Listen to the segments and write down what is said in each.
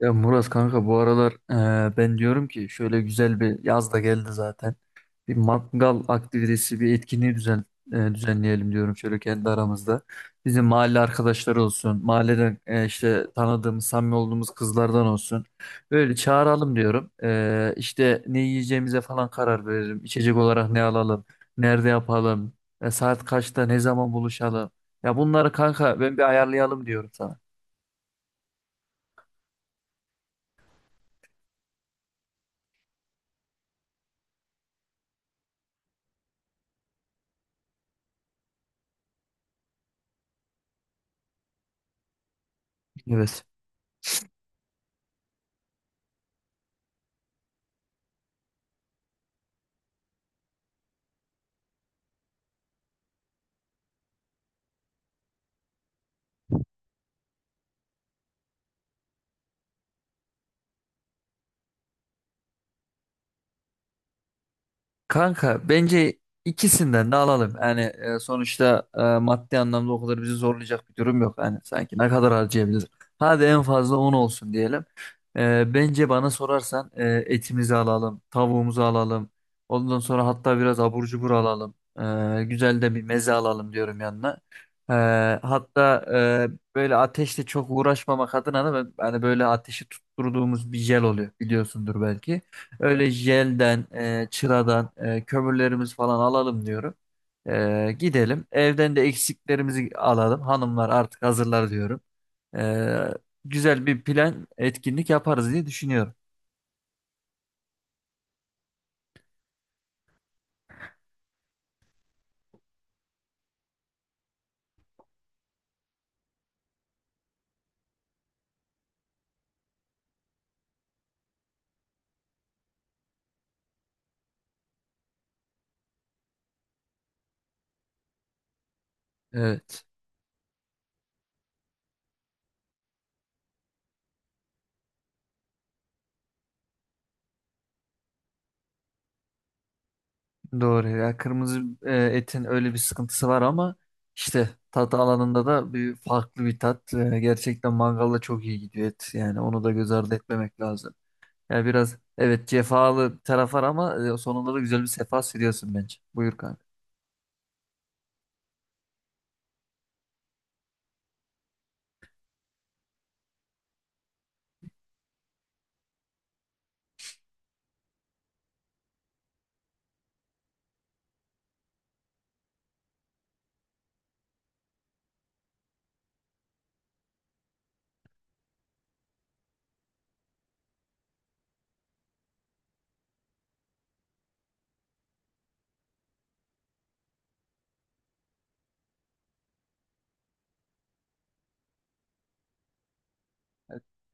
Ya Murat kanka bu aralar ben diyorum ki şöyle güzel bir yaz da geldi zaten. Bir mangal aktivitesi, düzenleyelim diyorum şöyle kendi aramızda. Bizim mahalle arkadaşları olsun, mahalleden işte tanıdığımız, samimi olduğumuz kızlardan olsun. Böyle çağıralım diyorum. İşte ne yiyeceğimize falan karar verelim. İçecek olarak ne alalım, nerede yapalım, saat kaçta, ne zaman buluşalım. Ya bunları kanka ben bir ayarlayalım diyorum sana. Evet. Kanka bence ikisinden de alalım. Yani sonuçta maddi anlamda o kadar bizi zorlayacak bir durum yok. Yani sanki ne kadar harcayabiliriz? Hadi en fazla 10 olsun diyelim. Bence bana sorarsan etimizi alalım, tavuğumuzu alalım. Ondan sonra hatta biraz abur cubur alalım. Güzel de bir meze alalım diyorum yanına. E, hatta Böyle ateşle çok uğraşmamak adına da hani böyle ateşi tutturduğumuz bir jel oluyor biliyorsundur belki. Öyle jelden, çıradan kömürlerimiz falan alalım diyorum. Gidelim. Evden de eksiklerimizi alalım. Hanımlar artık hazırlar diyorum. E, Güzel bir plan, etkinlik yaparız diye düşünüyorum. Evet. Doğru. Ya kırmızı etin öyle bir sıkıntısı var ama işte tat alanında da bir farklı bir tat. Gerçekten mangalda çok iyi gidiyor et. Yani onu da göz ardı etmemek lazım. Yani biraz evet cefalı bir taraf var ama sonunda da güzel bir sefa sürüyorsun bence. Buyur kanka.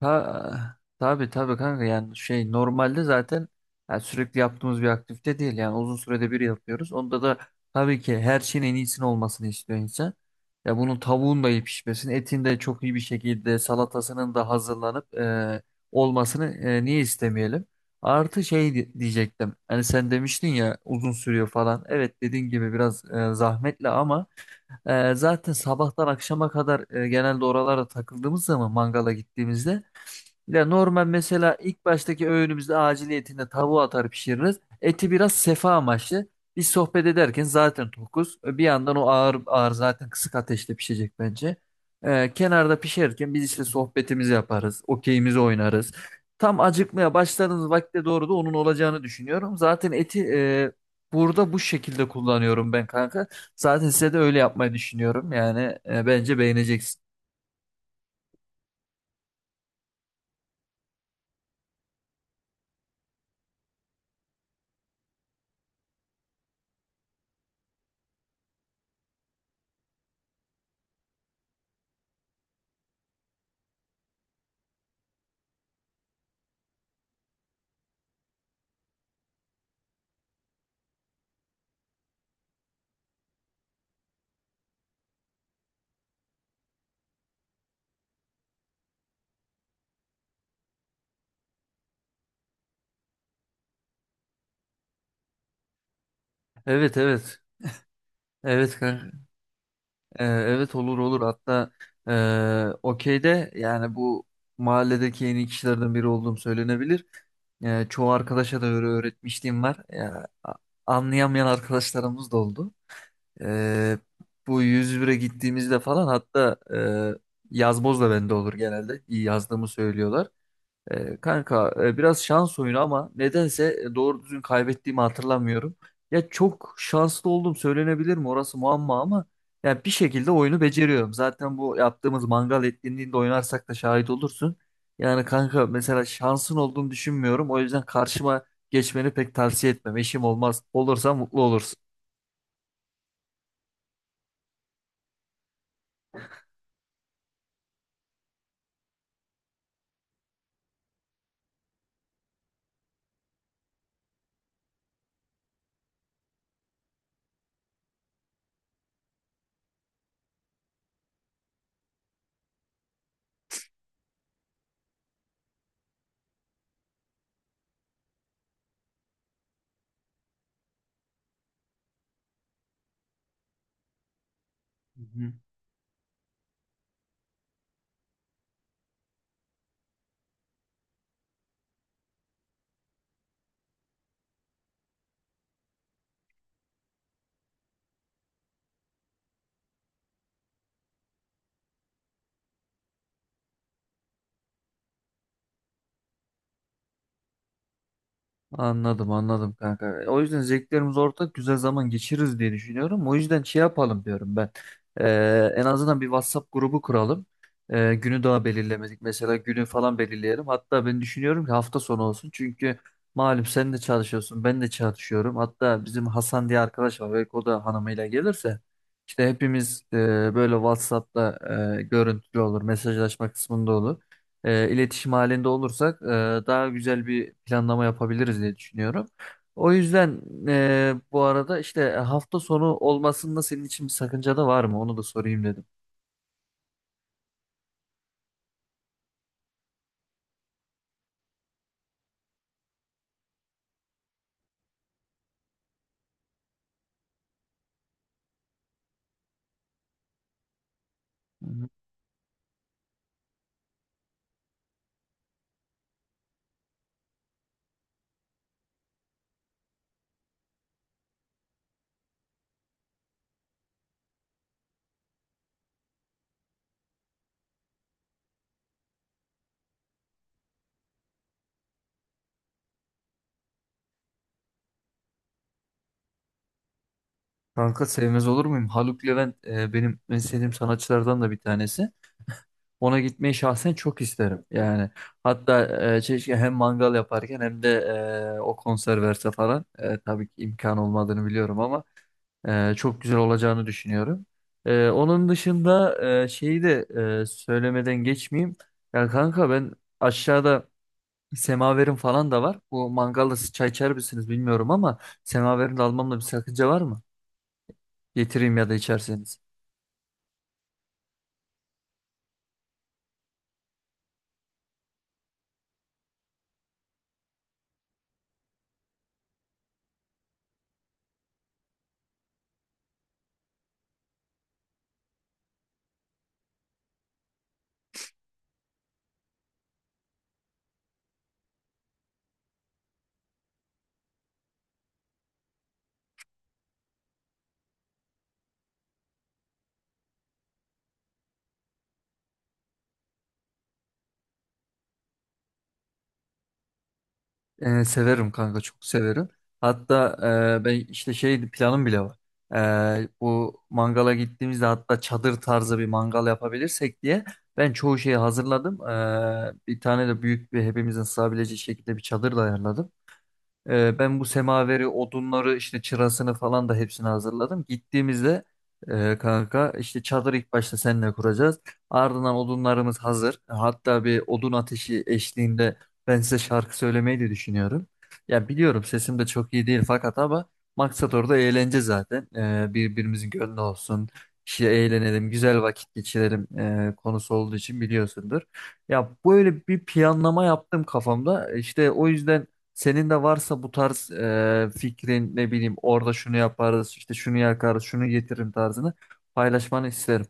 Tabii tabii kanka, yani şey normalde zaten yani sürekli yaptığımız bir aktivite değil, yani uzun sürede bir yapıyoruz. Onda da tabii ki her şeyin en iyisini olmasını istiyor insan. Ya bunun tavuğun da iyi pişmesini, etin de çok iyi bir şekilde salatasının da hazırlanıp olmasını, niye istemeyelim? Artı şey diyecektim. Hani sen demiştin ya uzun sürüyor falan. Evet, dediğin gibi biraz zahmetli ama zaten sabahtan akşama kadar genelde oralara takıldığımız zaman, mangala gittiğimizde ya normal mesela ilk baştaki öğünümüzde aciliyetinde tavuğu atar pişiririz. Eti biraz sefa amaçlı. Biz sohbet ederken zaten tokuz. Bir yandan o ağır ağır zaten kısık ateşte pişecek bence. Kenarda pişerken biz işte sohbetimizi yaparız. Okeyimizi oynarız. Tam acıkmaya başladığımız vakte doğru da onun olacağını düşünüyorum. Zaten eti burada bu şekilde kullanıyorum ben kanka. Zaten size de öyle yapmayı düşünüyorum. Yani bence beğeneceksin. Evet, evet. Evet kanka. Evet, olur olur, hatta okeyde yani bu mahalledeki en iyi kişilerden biri olduğum söylenebilir. Çoğu arkadaşa da öyle öğretmişliğim var. Ya, anlayamayan arkadaşlarımız da oldu. Ee, Bu 101'e gittiğimizde falan, hatta yazboz da bende olur genelde. İyi yazdığımı söylüyorlar. Kanka biraz şans oyunu ama nedense doğru düzgün kaybettiğimi hatırlamıyorum. Ya çok şanslı oldum, söylenebilir mi orası muamma, ama ya bir şekilde oyunu beceriyorum. Zaten bu yaptığımız mangal etkinliğinde oynarsak da şahit olursun. Yani kanka mesela şansın olduğunu düşünmüyorum. O yüzden karşıma geçmeni pek tavsiye etmem. Eşim olmaz. Olursa mutlu olursun. Anladım, anladım kanka. O yüzden zevklerimiz ortak, güzel zaman geçiririz diye düşünüyorum. O yüzden şey yapalım diyorum ben. En azından bir WhatsApp grubu kuralım. Günü daha belirlemedik. Mesela günü falan belirleyelim. Hatta ben düşünüyorum ki hafta sonu olsun. Çünkü malum sen de çalışıyorsun, ben de çalışıyorum. Hatta bizim Hasan diye arkadaş var. Belki o da hanımıyla gelirse. İşte hepimiz böyle WhatsApp'ta görüntülü olur. Mesajlaşma kısmında olur, iletişim halinde olursak daha güzel bir planlama yapabiliriz diye düşünüyorum. O yüzden bu arada işte hafta sonu olmasında senin için bir sakınca da var mı? Onu da sorayım dedim. Hı hı. Kanka sevmez olur muyum? Haluk Levent benim en sevdiğim sanatçılardan da bir tanesi. Ona gitmeyi şahsen çok isterim. Yani hatta keşke hem mangal yaparken hem de o konser verse falan. Tabii ki imkan olmadığını biliyorum ama. Çok güzel olacağını düşünüyorum. Onun dışında şeyi de söylemeden geçmeyeyim. Ya kanka ben aşağıda semaverim falan da var. Bu mangalda siz çay içer misiniz bilmiyorum ama semaverini de almamda bir sakınca var mı? Getireyim, ya da içerseniz. Severim kanka, çok severim. Hatta ben işte şey planım bile var. Bu mangala gittiğimizde hatta çadır tarzı bir mangal yapabilirsek diye ben çoğu şeyi hazırladım. Bir tane de büyük, bir hepimizin sığabileceği şekilde bir çadır da ayarladım. Ben bu semaveri, odunları, işte çırasını falan da hepsini hazırladım. Gittiğimizde kanka işte çadır ilk başta seninle kuracağız. Ardından odunlarımız hazır. Hatta bir odun ateşi eşliğinde ben size şarkı söylemeyi de düşünüyorum. Ya biliyorum sesim de çok iyi değil fakat ama maksat orada eğlence zaten. Birbirimizin gönlü olsun. İşte eğlenelim, güzel vakit geçirelim, konusu olduğu için biliyorsundur. Ya böyle bir planlama yaptım kafamda. İşte o yüzden senin de varsa bu tarz fikrin, ne bileyim orada şunu yaparız, işte şunu yakarız, şunu getiririm tarzını paylaşmanı isterim.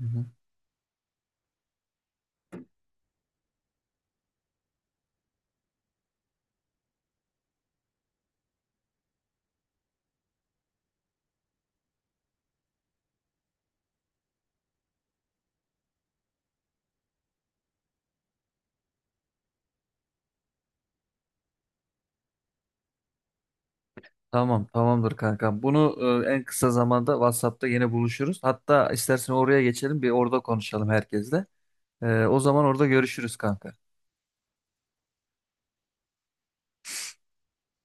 Hı hı. Tamam, tamamdır kankam. Bunu en kısa zamanda WhatsApp'ta yine buluşuruz. Hatta istersen oraya geçelim, bir orada konuşalım herkesle. O zaman orada görüşürüz kanka.